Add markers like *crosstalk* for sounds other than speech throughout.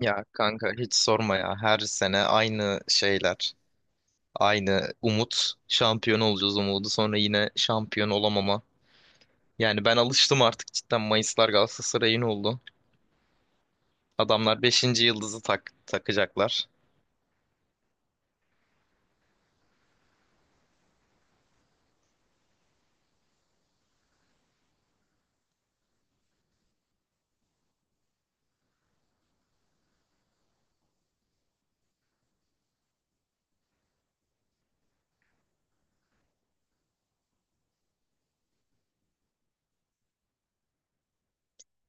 Ya kanka hiç sorma ya. Her sene aynı şeyler. Aynı umut. Şampiyon olacağız umudu. Sonra yine şampiyon olamama. Yani ben alıştım artık cidden. Mayıslar Galatasaray'ın oldu. Adamlar beşinci yıldızı takacaklar.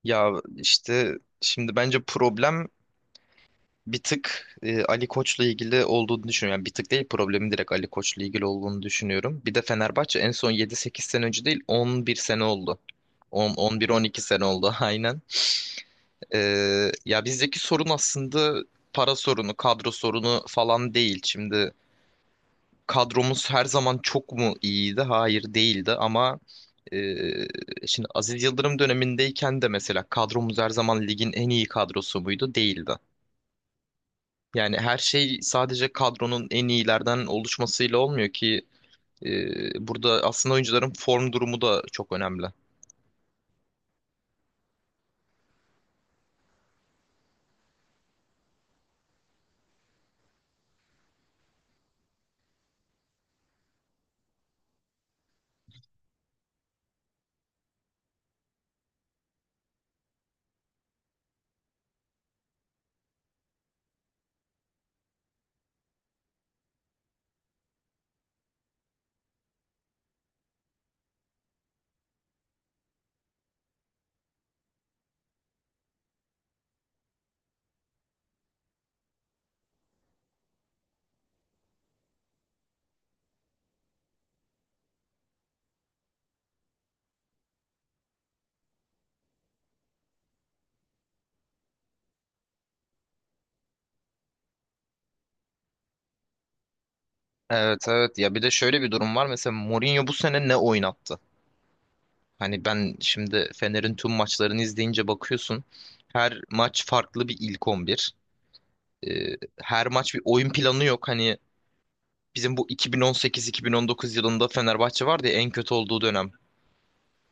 Ya işte şimdi bence problem bir tık Ali Koç'la ilgili olduğunu düşünüyorum. Yani bir tık değil, problemi direkt Ali Koç'la ilgili olduğunu düşünüyorum. Bir de Fenerbahçe en son yedi sekiz sene önce değil, 11 sene oldu. On bir 12 sene oldu, *laughs* aynen. Ya bizdeki sorun aslında para sorunu, kadro sorunu falan değil. Şimdi kadromuz her zaman çok mu iyiydi? Hayır, değildi ama e, şimdi Aziz Yıldırım dönemindeyken de mesela kadromuz her zaman ligin en iyi kadrosu muydu? Değildi. Yani her şey sadece kadronun en iyilerden oluşmasıyla olmuyor ki, burada aslında oyuncuların form durumu da çok önemli. Evet evet, ya bir de şöyle bir durum var. Mesela Mourinho bu sene ne oynattı? Hani ben şimdi Fener'in tüm maçlarını izleyince bakıyorsun. Her maç farklı bir ilk 11. Ee, Her maç bir oyun planı yok. Hani bizim bu 2018-2019 yılında Fenerbahçe vardı ya, en kötü olduğu dönem.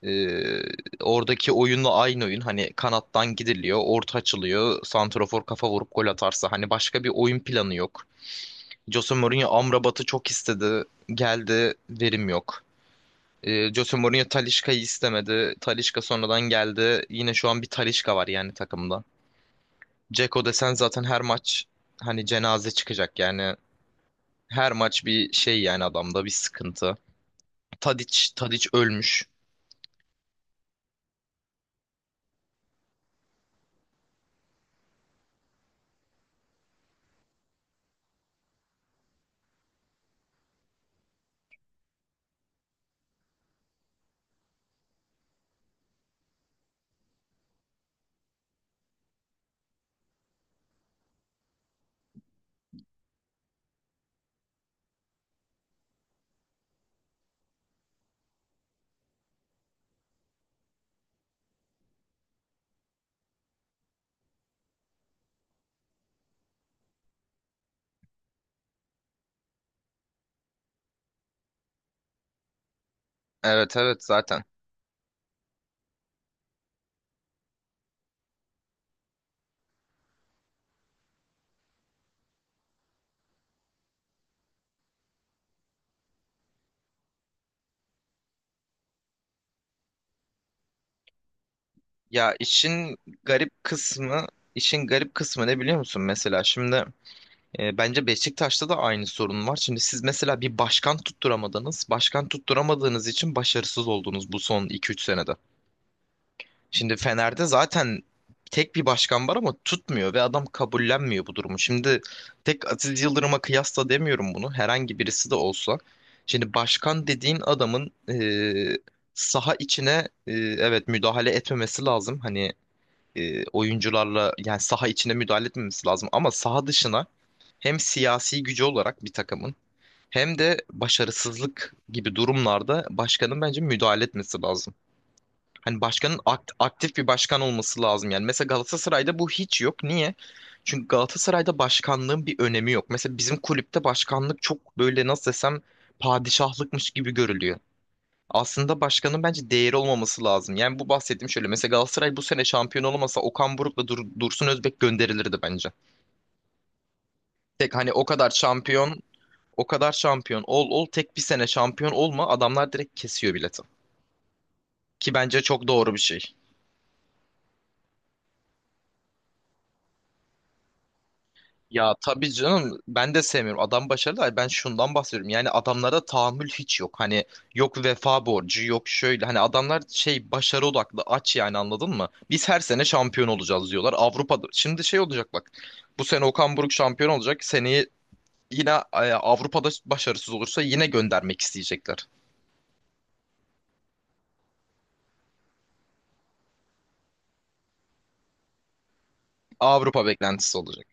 Ee, Oradaki oyunla aynı oyun. Hani kanattan gidiliyor, orta açılıyor, santrafor kafa vurup gol atarsa. Hani başka bir oyun planı yok. Jose Mourinho Amrabat'ı çok istedi. Geldi, verim yok. Jose Mourinho Talisca'yı istemedi. Talisca sonradan geldi. Yine şu an bir Talisca var yani takımda. Dzeko desen zaten her maç hani cenaze çıkacak yani. Her maç bir şey, yani adamda bir sıkıntı. Tadic, Tadic ölmüş. Evet evet, zaten. Ya işin garip kısmı, işin garip kısmı ne biliyor musun mesela? Şimdi bence Beşiktaş'ta da aynı sorun var. Şimdi siz mesela bir başkan tutturamadınız. Başkan tutturamadığınız için başarısız oldunuz bu son iki üç senede. Şimdi Fener'de zaten tek bir başkan var ama tutmuyor ve adam kabullenmiyor bu durumu. Şimdi tek Aziz Yıldırım'a kıyasla demiyorum bunu. Herhangi birisi de olsa. Şimdi başkan dediğin adamın saha içine evet, müdahale etmemesi lazım. Hani oyuncularla yani saha içine müdahale etmemesi lazım ama saha dışına hem siyasi gücü olarak bir takımın, hem de başarısızlık gibi durumlarda başkanın bence müdahale etmesi lazım. Hani başkanın aktif bir başkan olması lazım yani. Mesela Galatasaray'da bu hiç yok. Niye? Çünkü Galatasaray'da başkanlığın bir önemi yok. Mesela bizim kulüpte başkanlık çok böyle, nasıl desem, padişahlıkmış gibi görülüyor. Aslında başkanın bence değeri olmaması lazım. Yani bu bahsettiğim şöyle. Mesela Galatasaray bu sene şampiyon olamasa, Okan Buruk'la Dursun Özbek gönderilirdi bence. Tek hani o kadar şampiyon, o kadar şampiyon ol ol, tek bir sene şampiyon olma, adamlar direkt kesiyor bileti. Ki bence çok doğru bir şey. Ya tabii canım, ben de sevmiyorum. Adam başarılı. Ay, ben şundan bahsediyorum. Yani adamlara tahammül hiç yok. Hani yok vefa borcu, yok şöyle. Hani adamlar şey başarı odaklı, aç yani, anladın mı? Biz her sene şampiyon olacağız diyorlar. Avrupa'da. Şimdi şey olacak bak. Bu sene Okan Buruk şampiyon olacak. Seneye yine Avrupa'da başarısız olursa yine göndermek isteyecekler. Avrupa beklentisi olacak.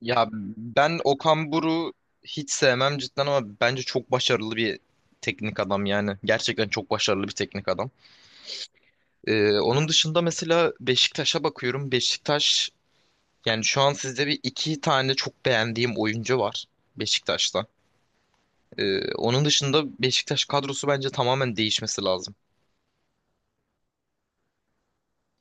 Ya ben Okan Buruk'u hiç sevmem cidden ama bence çok başarılı bir teknik adam yani. Gerçekten çok başarılı bir teknik adam. Onun dışında mesela Beşiktaş'a bakıyorum. Beşiktaş yani şu an sizde bir iki tane çok beğendiğim oyuncu var Beşiktaş'ta. Onun dışında Beşiktaş kadrosu bence tamamen değişmesi lazım.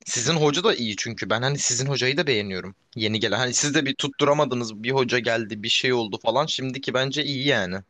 Sizin hoca da iyi çünkü ben hani sizin hocayı da beğeniyorum. Yeni gelen, hani siz de bir tutturamadınız, bir hoca geldi bir şey oldu falan, şimdiki bence iyi yani.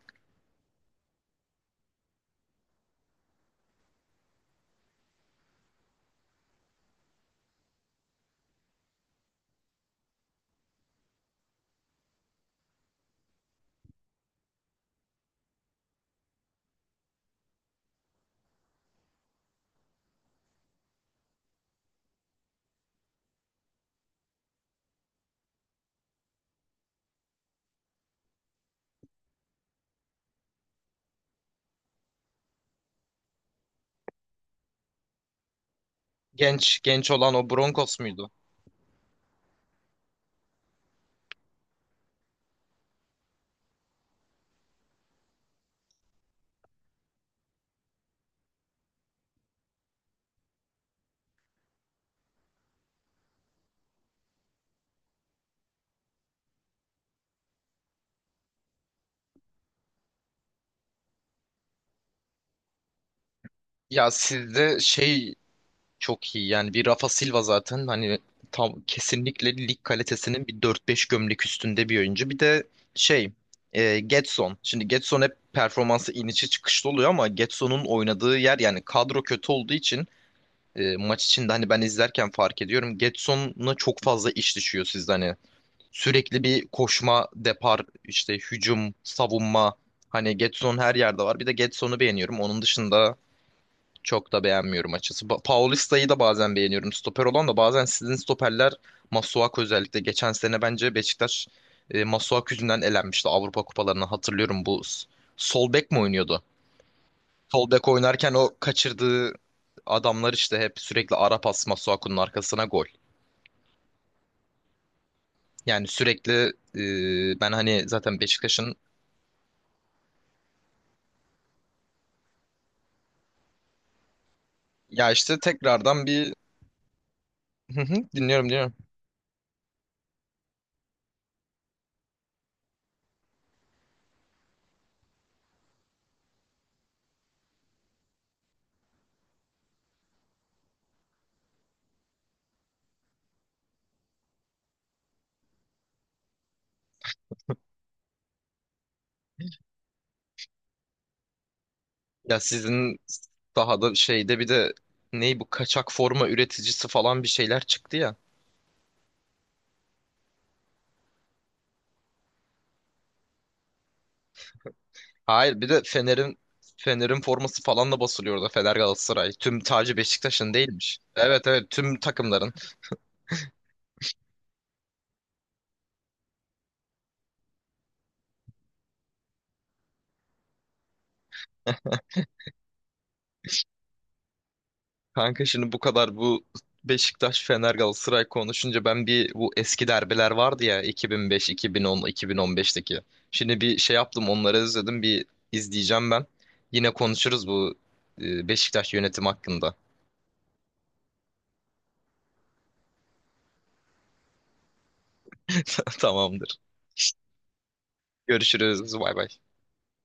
Genç genç olan o Broncos muydu? Ya sizde şey, çok iyi yani bir Rafa Silva zaten, hani tam kesinlikle lig kalitesinin bir dört beş gömlek üstünde bir oyuncu. Bir de şey, Gedson. Şimdi Gedson hep performansı inişi çıkışlı oluyor ama Gedson'un oynadığı yer, yani kadro kötü olduğu için maç içinde hani ben izlerken fark ediyorum, Gedson'a çok fazla iş düşüyor sizde. Hani sürekli bir koşma, depar, işte hücum, savunma, hani Gedson her yerde var. Bir de Gedson'u beğeniyorum. Onun dışında çok da beğenmiyorum açısı. Paulista'yı da bazen beğeniyorum. Stoper olan da, bazen sizin stoperler, Masuaku özellikle. Geçen sene bence Beşiktaş Masuaku yüzünden elenmişti Avrupa kupalarını. Hatırlıyorum, bu sol bek mi oynuyordu? Sol bek oynarken o kaçırdığı adamlar işte, hep sürekli ara pas Masuaku'nun arkasına gol. Yani sürekli ben hani zaten Beşiktaş'ın, ya işte tekrardan bir. *laughs* Hı hı, dinliyorum dinliyorum. Ya sizin sahada şeyde bir de, ney, bu kaçak forma üreticisi falan bir şeyler çıktı ya. Hayır, bir de Fener'in forması falan da basılıyordu. Fener, Galatasaray. Tüm tacı Beşiktaş'ın değilmiş. Evet evet, tüm takımların. Kanka şimdi bu kadar bu Beşiktaş, Fener, Galatasaray konuşunca, ben bir bu eski derbiler vardı ya, 2005, 2010, 2015'teki. Şimdi bir şey yaptım, onları izledim bir, izleyeceğim ben. Yine konuşuruz bu Beşiktaş yönetim hakkında. *laughs* Tamam. Görüşürüz. Bay bay.